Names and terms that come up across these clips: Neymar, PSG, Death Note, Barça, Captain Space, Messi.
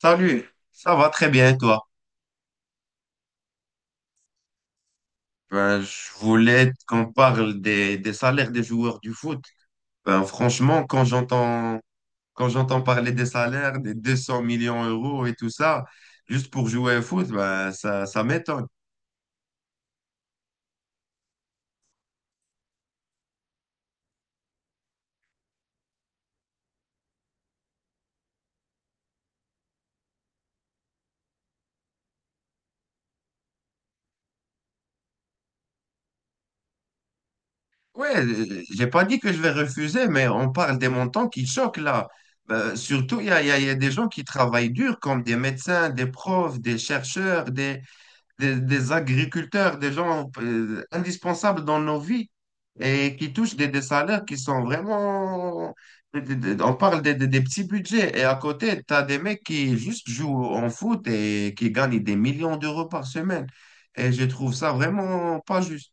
Salut, ça va très bien et toi? Ben, je voulais qu'on parle des salaires des joueurs du foot. Ben, franchement, quand j'entends parler des salaires, des 200 millions d'euros et tout ça, juste pour jouer au foot, ben, ça m'étonne. Ouais, j'ai pas dit que je vais refuser, mais on parle des montants qui choquent là. Ben, surtout, il y a, il y a il y a des gens qui travaillent dur, comme des médecins, des profs, des chercheurs, des agriculteurs, des gens indispensables dans nos vies et qui touchent des salaires qui sont vraiment. On parle des petits budgets et à côté, tu as des mecs qui juste jouent en foot et qui gagnent des millions d'euros par semaine. Et je trouve ça vraiment pas juste.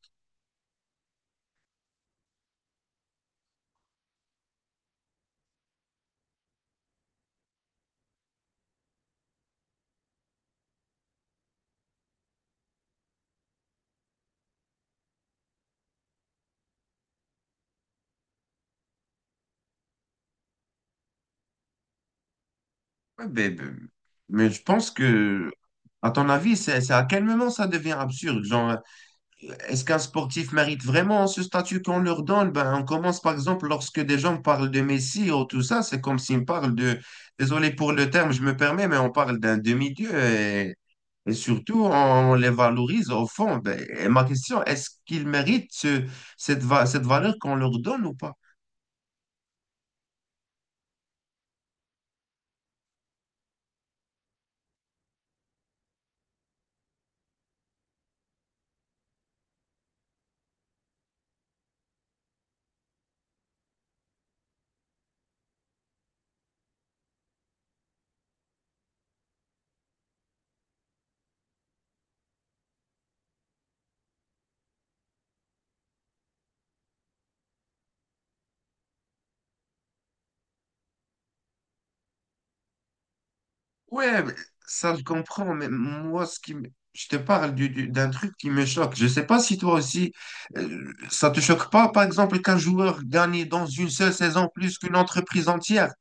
Ouais, ben, mais, je pense que, à ton avis, c'est à quel moment ça devient absurde? Genre, est-ce qu'un sportif mérite vraiment ce statut qu'on leur donne? Ben, on commence par exemple lorsque des gens parlent de Messi ou tout ça, c'est comme s'ils me parlent de, désolé pour le terme, je me permets, mais on parle d'un demi-dieu et surtout on les valorise au fond. Ben, et ma question, est-ce qu'ils méritent cette valeur qu'on leur donne ou pas? Ouais, mais ça je comprends, mais moi, je te parle d'un truc qui me choque. Je sais pas si toi aussi, ça te choque pas, par exemple, qu'un joueur gagne dans une seule saison plus qu'une entreprise entière.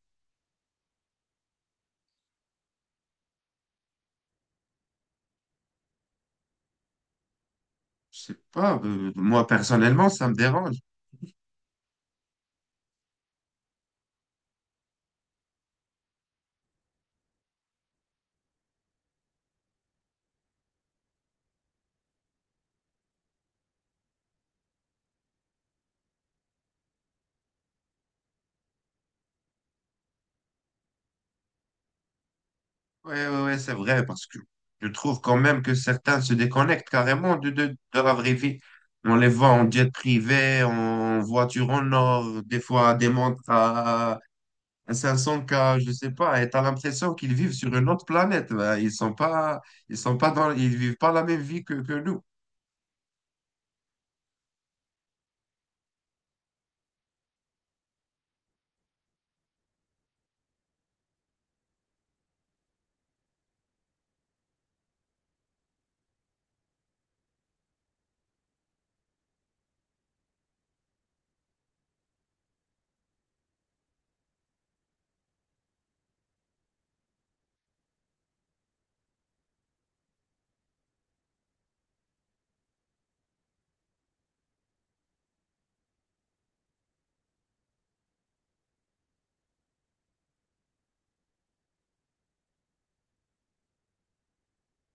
Je sais pas, moi personnellement, ça me dérange. Ouais, ouais, ouais, c'est vrai, parce que je trouve quand même que certains se déconnectent carrément de la vraie vie. On les voit en jet privé, en voiture en or, des fois à des montres à. Ça ressemble qu'à, je sais pas, et t'as l'impression qu'ils vivent sur une autre planète là. Ils sont pas dans, ils vivent pas la même vie que nous.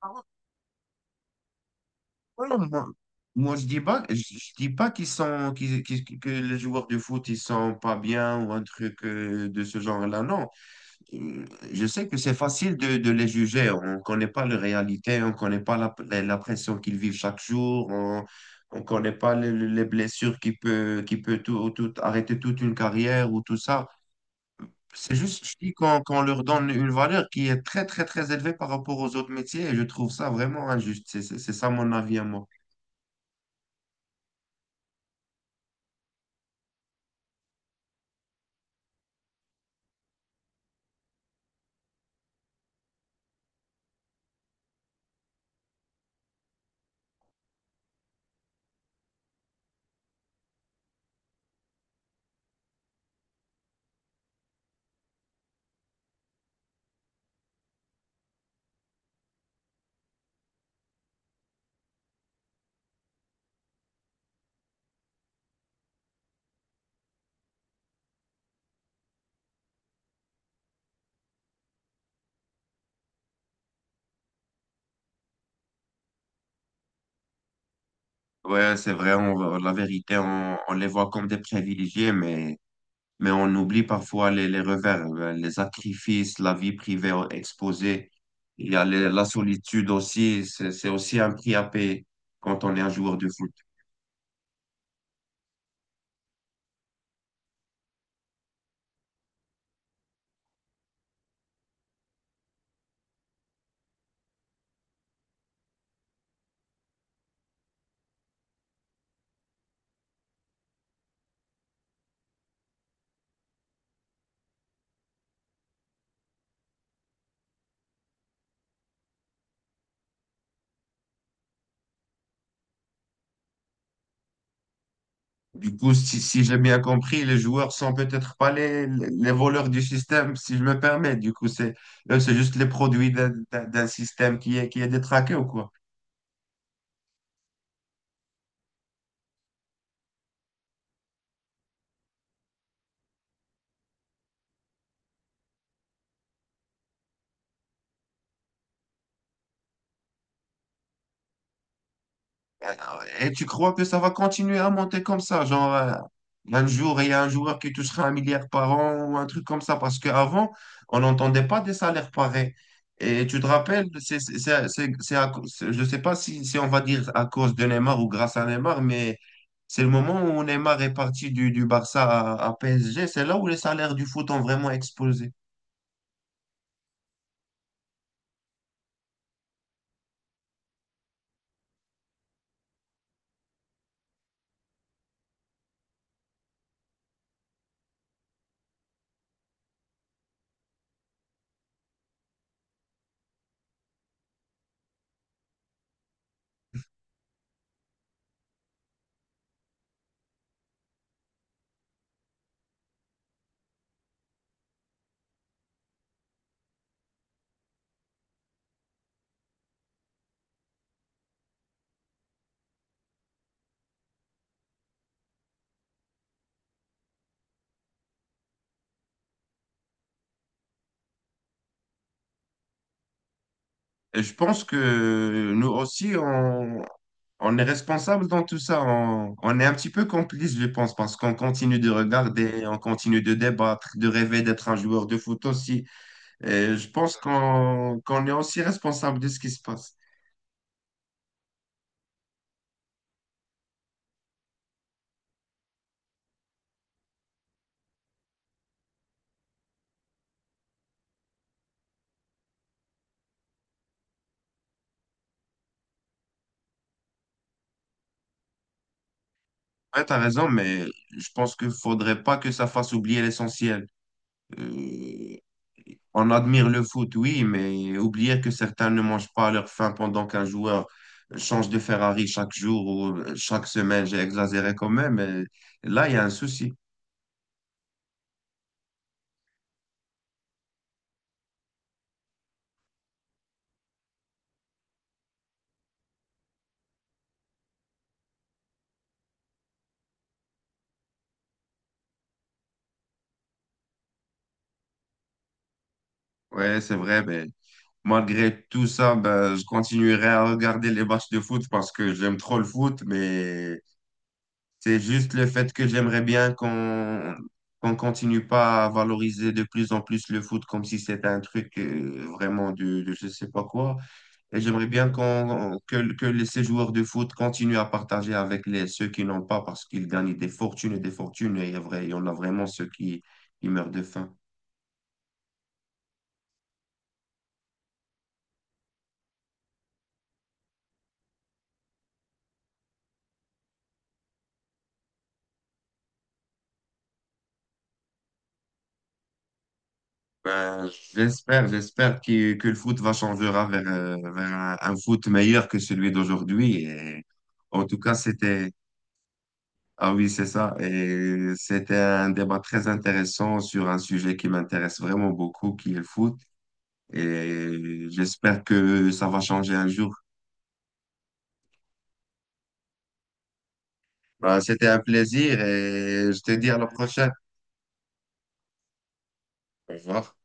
Ah ouais, ouais, moi, je dis pas, je dis pas qu'ils sont, que les joueurs de foot, ils sont pas bien ou un truc de ce genre-là. Non. Euh, Je sais que c'est facile de les juger. On connaît pas leur réalité, on connaît pas la pression qu'ils vivent chaque jour. On connaît pas les blessures qui peut tout, arrêter toute une carrière ou tout ça. C'est juste, je dis qu'on leur donne une valeur qui est très, très, très élevée par rapport aux autres métiers et je trouve ça vraiment injuste. C'est ça mon avis à moi. Ouais, c'est vrai, la vérité, on les voit comme des privilégiés, mais on oublie parfois les revers, les sacrifices, la vie privée exposée. Il y a la solitude aussi, c'est aussi un prix à payer quand on est un joueur de foot. Du coup, si j'ai bien compris, les joueurs sont peut-être pas les voleurs du système, si je me permets. Du coup, c'est, eux, c'est juste les produits d'un système qui est détraqué ou quoi? Et tu crois que ça va continuer à monter comme ça? Genre, un jour, il y a un joueur qui touchera 1 milliard par an ou un truc comme ça. Parce qu'avant, on n'entendait pas des salaires pareils. Et tu te rappelles, je ne sais pas si on va dire à cause de Neymar ou grâce à Neymar, mais c'est le moment où Neymar est parti du Barça à PSG. C'est là où les salaires du foot ont vraiment explosé. Et je pense que nous aussi, on est responsable dans tout ça. On est un petit peu complice, je pense, parce qu'on continue de regarder, on continue de débattre, de rêver d'être un joueur de foot aussi. Et je pense qu'on est aussi responsable de ce qui se passe. Ouais, t'as raison, mais je pense qu'il faudrait pas que ça fasse oublier l'essentiel. Euh, on admire le foot, oui, mais oublier que certains ne mangent pas à leur faim pendant qu'un joueur change de Ferrari chaque jour ou chaque semaine, j'ai exagéré quand même, mais là, il y a un souci. Ouais, c'est vrai, mais malgré tout ça, ben, je continuerai à regarder les matchs de foot parce que j'aime trop le foot, mais c'est juste le fait que j'aimerais bien qu'on continue pas à valoriser de plus en plus le foot comme si c'était un truc vraiment de je sais pas quoi. Et j'aimerais bien qu'on, que les- ces joueurs de foot continuent à partager avec ceux qui n'ont pas parce qu'ils gagnent des fortunes et il y a il y en a vraiment ceux qui meurent de faim. Ben, j'espère que le foot va changer vers un foot meilleur que celui d'aujourd'hui. Et en tout cas, c'était, ah oui, c'est ça. Et c'était un débat très intéressant sur un sujet qui m'intéresse vraiment beaucoup, qui est le foot. Et j'espère que ça va changer un jour. Ben, c'était un plaisir et je te dis à la prochaine. Au revoir.